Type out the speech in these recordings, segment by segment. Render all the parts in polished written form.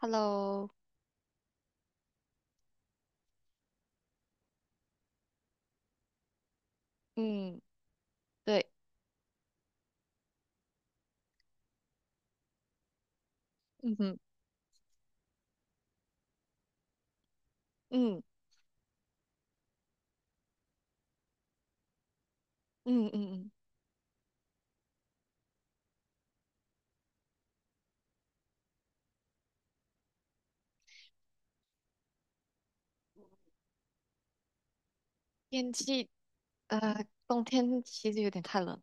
Hello，嗯，对，嗯哼，嗯嗯嗯嗯，天气，冬天其实有点太冷了。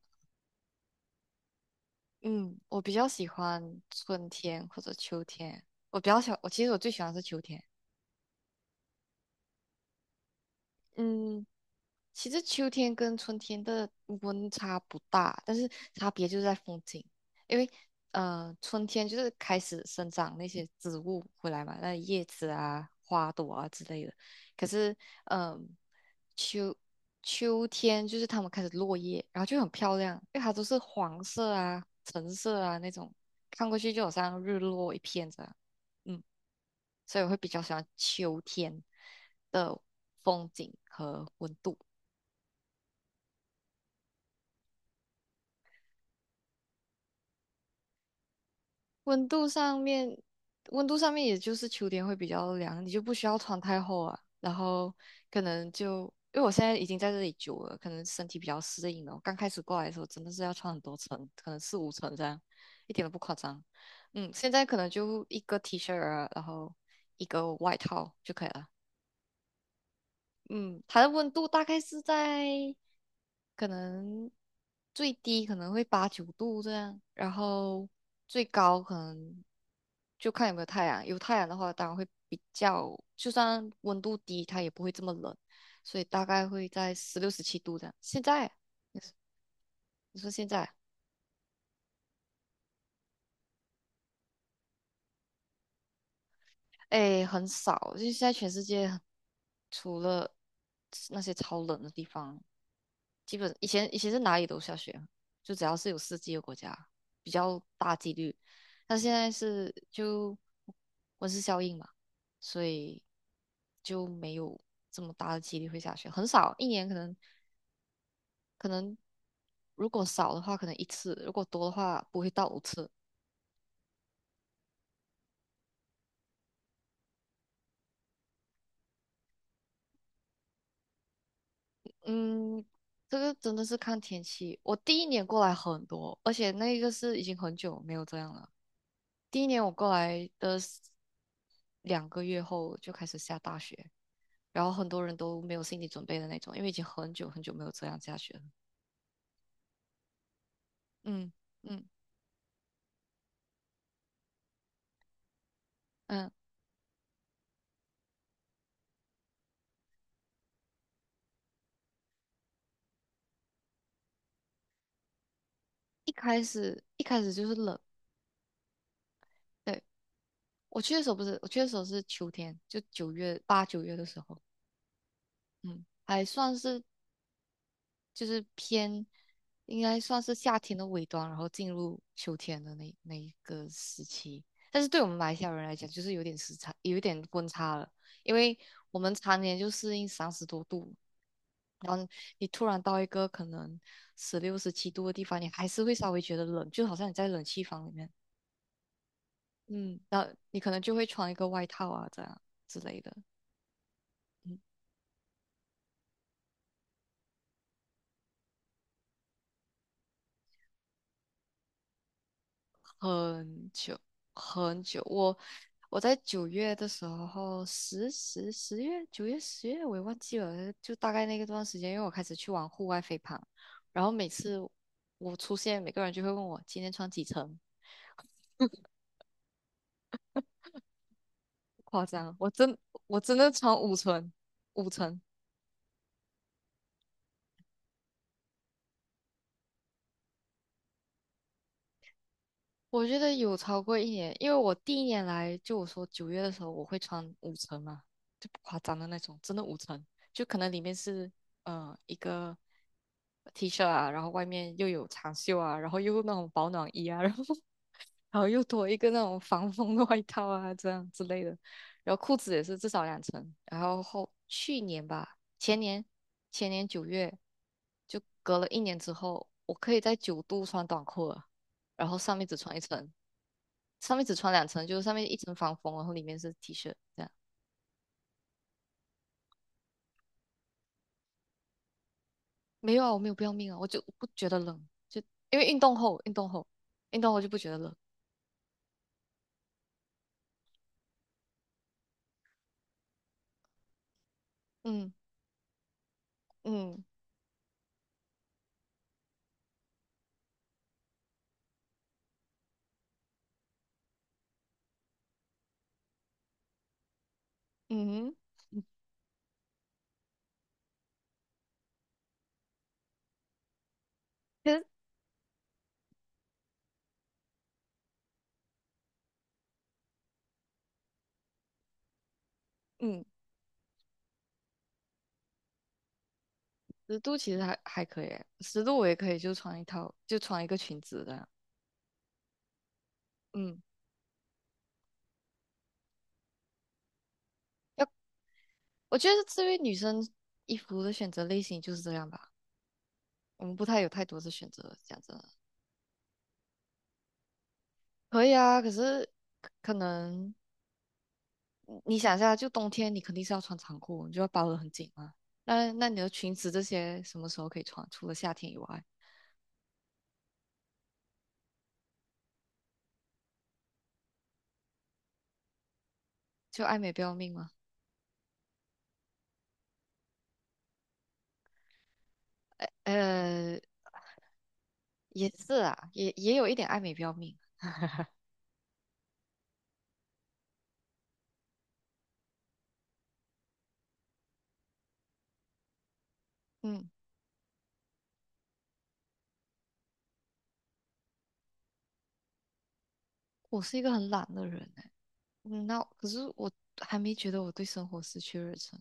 嗯，我比较喜欢春天或者秋天，我其实最喜欢是秋天。嗯。其实秋天跟春天的温差不大，但是差别就是在风景，因为春天就是开始生长那些植物回来嘛，那叶子啊、花朵啊之类的。可是，嗯、秋秋天就是它们开始落叶，然后就很漂亮，因为它都是黄色啊、橙色啊那种，看过去就好像日落一片这样。嗯，所以我会比较喜欢秋天的风景和温度。温度上面，温度上面也就是秋天会比较凉，你就不需要穿太厚啊。然后可能就因为我现在已经在这里久了，可能身体比较适应了。我刚开始过来的时候真的是要穿很多层，可能4、5层这样，一点都不夸张。嗯，现在可能就一个 T 恤啊，然后一个外套就可以了。嗯，它的温度大概是在可能最低可能会8、9度这样，然后最高可能就看有没有太阳。有太阳的话，当然会比较，就算温度低，它也不会这么冷，所以大概会在十六、十七度这样。现在，你说你说现在，哎，很少，就现在全世界除了那些超冷的地方，基本以前是哪里都下雪啊，就只要是有四季的国家，比较大几率。但现在是就温室效应嘛，所以就没有这么大的几率会下雪，很少，一年可能如果少的话可能一次，如果多的话不会到5次。嗯，这个真的是看天气。我第一年过来很多，而且那个是已经很久没有这样了。第一年我过来的 2个月后就开始下大雪，然后很多人都没有心理准备的那种，因为已经很久很久没有这样下雪了。嗯嗯嗯，一开始就是冷，对，我去的时候不是，我去的时候是秋天，就8、9月的时候，嗯，还算是就是偏应该算是夏天的尾端，然后进入秋天的那一个时期。但是对我们马来西亚人来讲，就是有点时差，有一点温差了，因为我们常年就适应30多度，然后你突然到一个可能十六、十七度的地方，你还是会稍微觉得冷，就好像你在冷气房里面，嗯，然后你可能就会穿一个外套啊，这样之类的。嗯很久很久，我在九月的时候，十月九月十月我也忘记了，就大概那个段时间，因为我开始去玩户外飞盘，然后每次我出现，每个人就会问我今天穿几层，不夸张，我真的穿五层，五层。我觉得有超过一年，因为我第一年来，就我说九月的时候，我会穿五层嘛，就不夸张的那种，真的五层，就可能里面是一个 T 恤啊，然后外面又有长袖啊，然后又那种保暖衣啊，然后 然后又多一个那种防风的外套啊，这样之类的，然后裤子也是至少两层，然后去年吧，前年九月就隔了一年之后，我可以在九度穿短裤了，然后上面只穿一层。上面只穿两层，就是上面一层防风，然后里面是 T 恤这样。没有啊，我没有不要命啊，我就不觉得冷，就因为运动后就不觉得冷。嗯嗯嗯，其实嗯，十度其实还可以欸十度我也可以就穿一套，就穿一个裙子这样。嗯，要我觉得至于女生衣服的选择类型就是这样吧，我们不太有太多的选择，讲真的。可以啊，可是可能。你想一下，就冬天你肯定是要穿长裤，你就要包得很紧嘛。那你的裙子这些什么时候可以穿？除了夏天以外，就爱美不要命吗？呃，也是啊，也有一点爱美不要命。嗯，我是一个很懒的人哎。嗯，那可是我还没觉得我对生活失去热忱。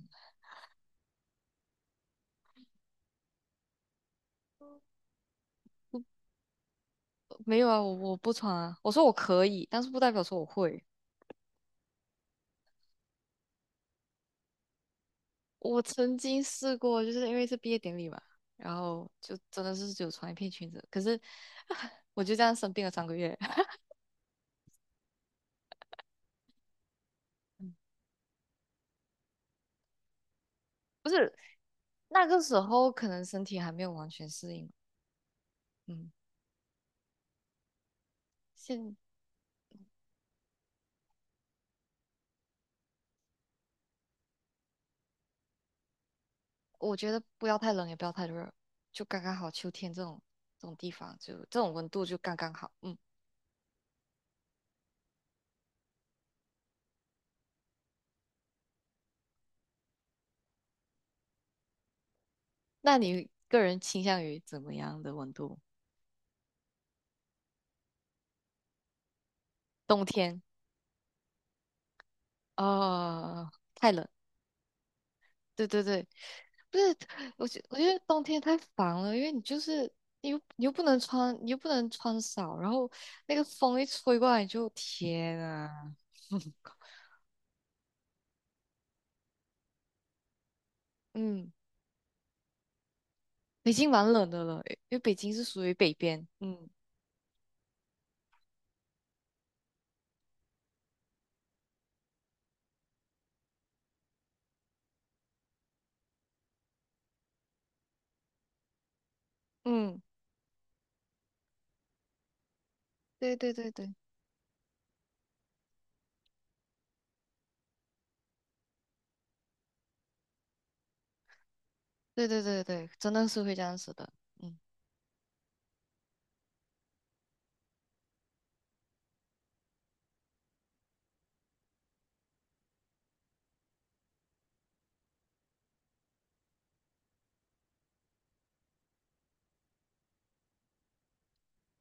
不，没有啊，我不穿啊。我说我可以，但是不代表说我会。我曾经试过，就是因为是毕业典礼嘛，然后就真的是只有穿一片裙子，可是 我就这样生病了3个月。嗯不是那个时候可能身体还没有完全适应，嗯，现我觉得不要太冷，也不要太热，就刚刚好。秋天这种地方，就这种温度就刚刚好。嗯，那你个人倾向于怎么样的温度？冬天，哦，太冷。对对对，不是，我觉得冬天太烦了，因为你就是你又不能穿，你又不能穿少，然后那个风一吹过来，你就天啊，嗯。北京蛮冷的了，因为北京是属于北边。嗯嗯，对对对对对对对对，真的是会这样子的。嗯，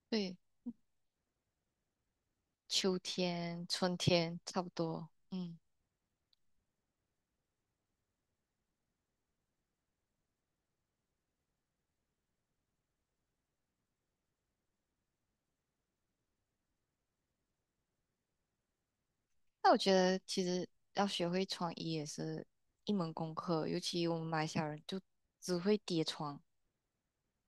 对，秋天、春天差不多。嗯，那我觉得其实要学会穿衣也是一门功课，尤其我们马来西亚人就只会叠穿，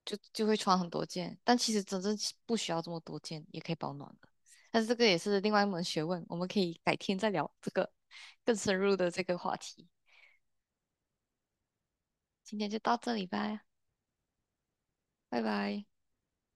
就会穿很多件，但其实真正是不需要这么多件也可以保暖的。但是这个也是另外一门学问，我们可以改天再聊这个更深入的这个话题。今天就到这里吧。拜拜。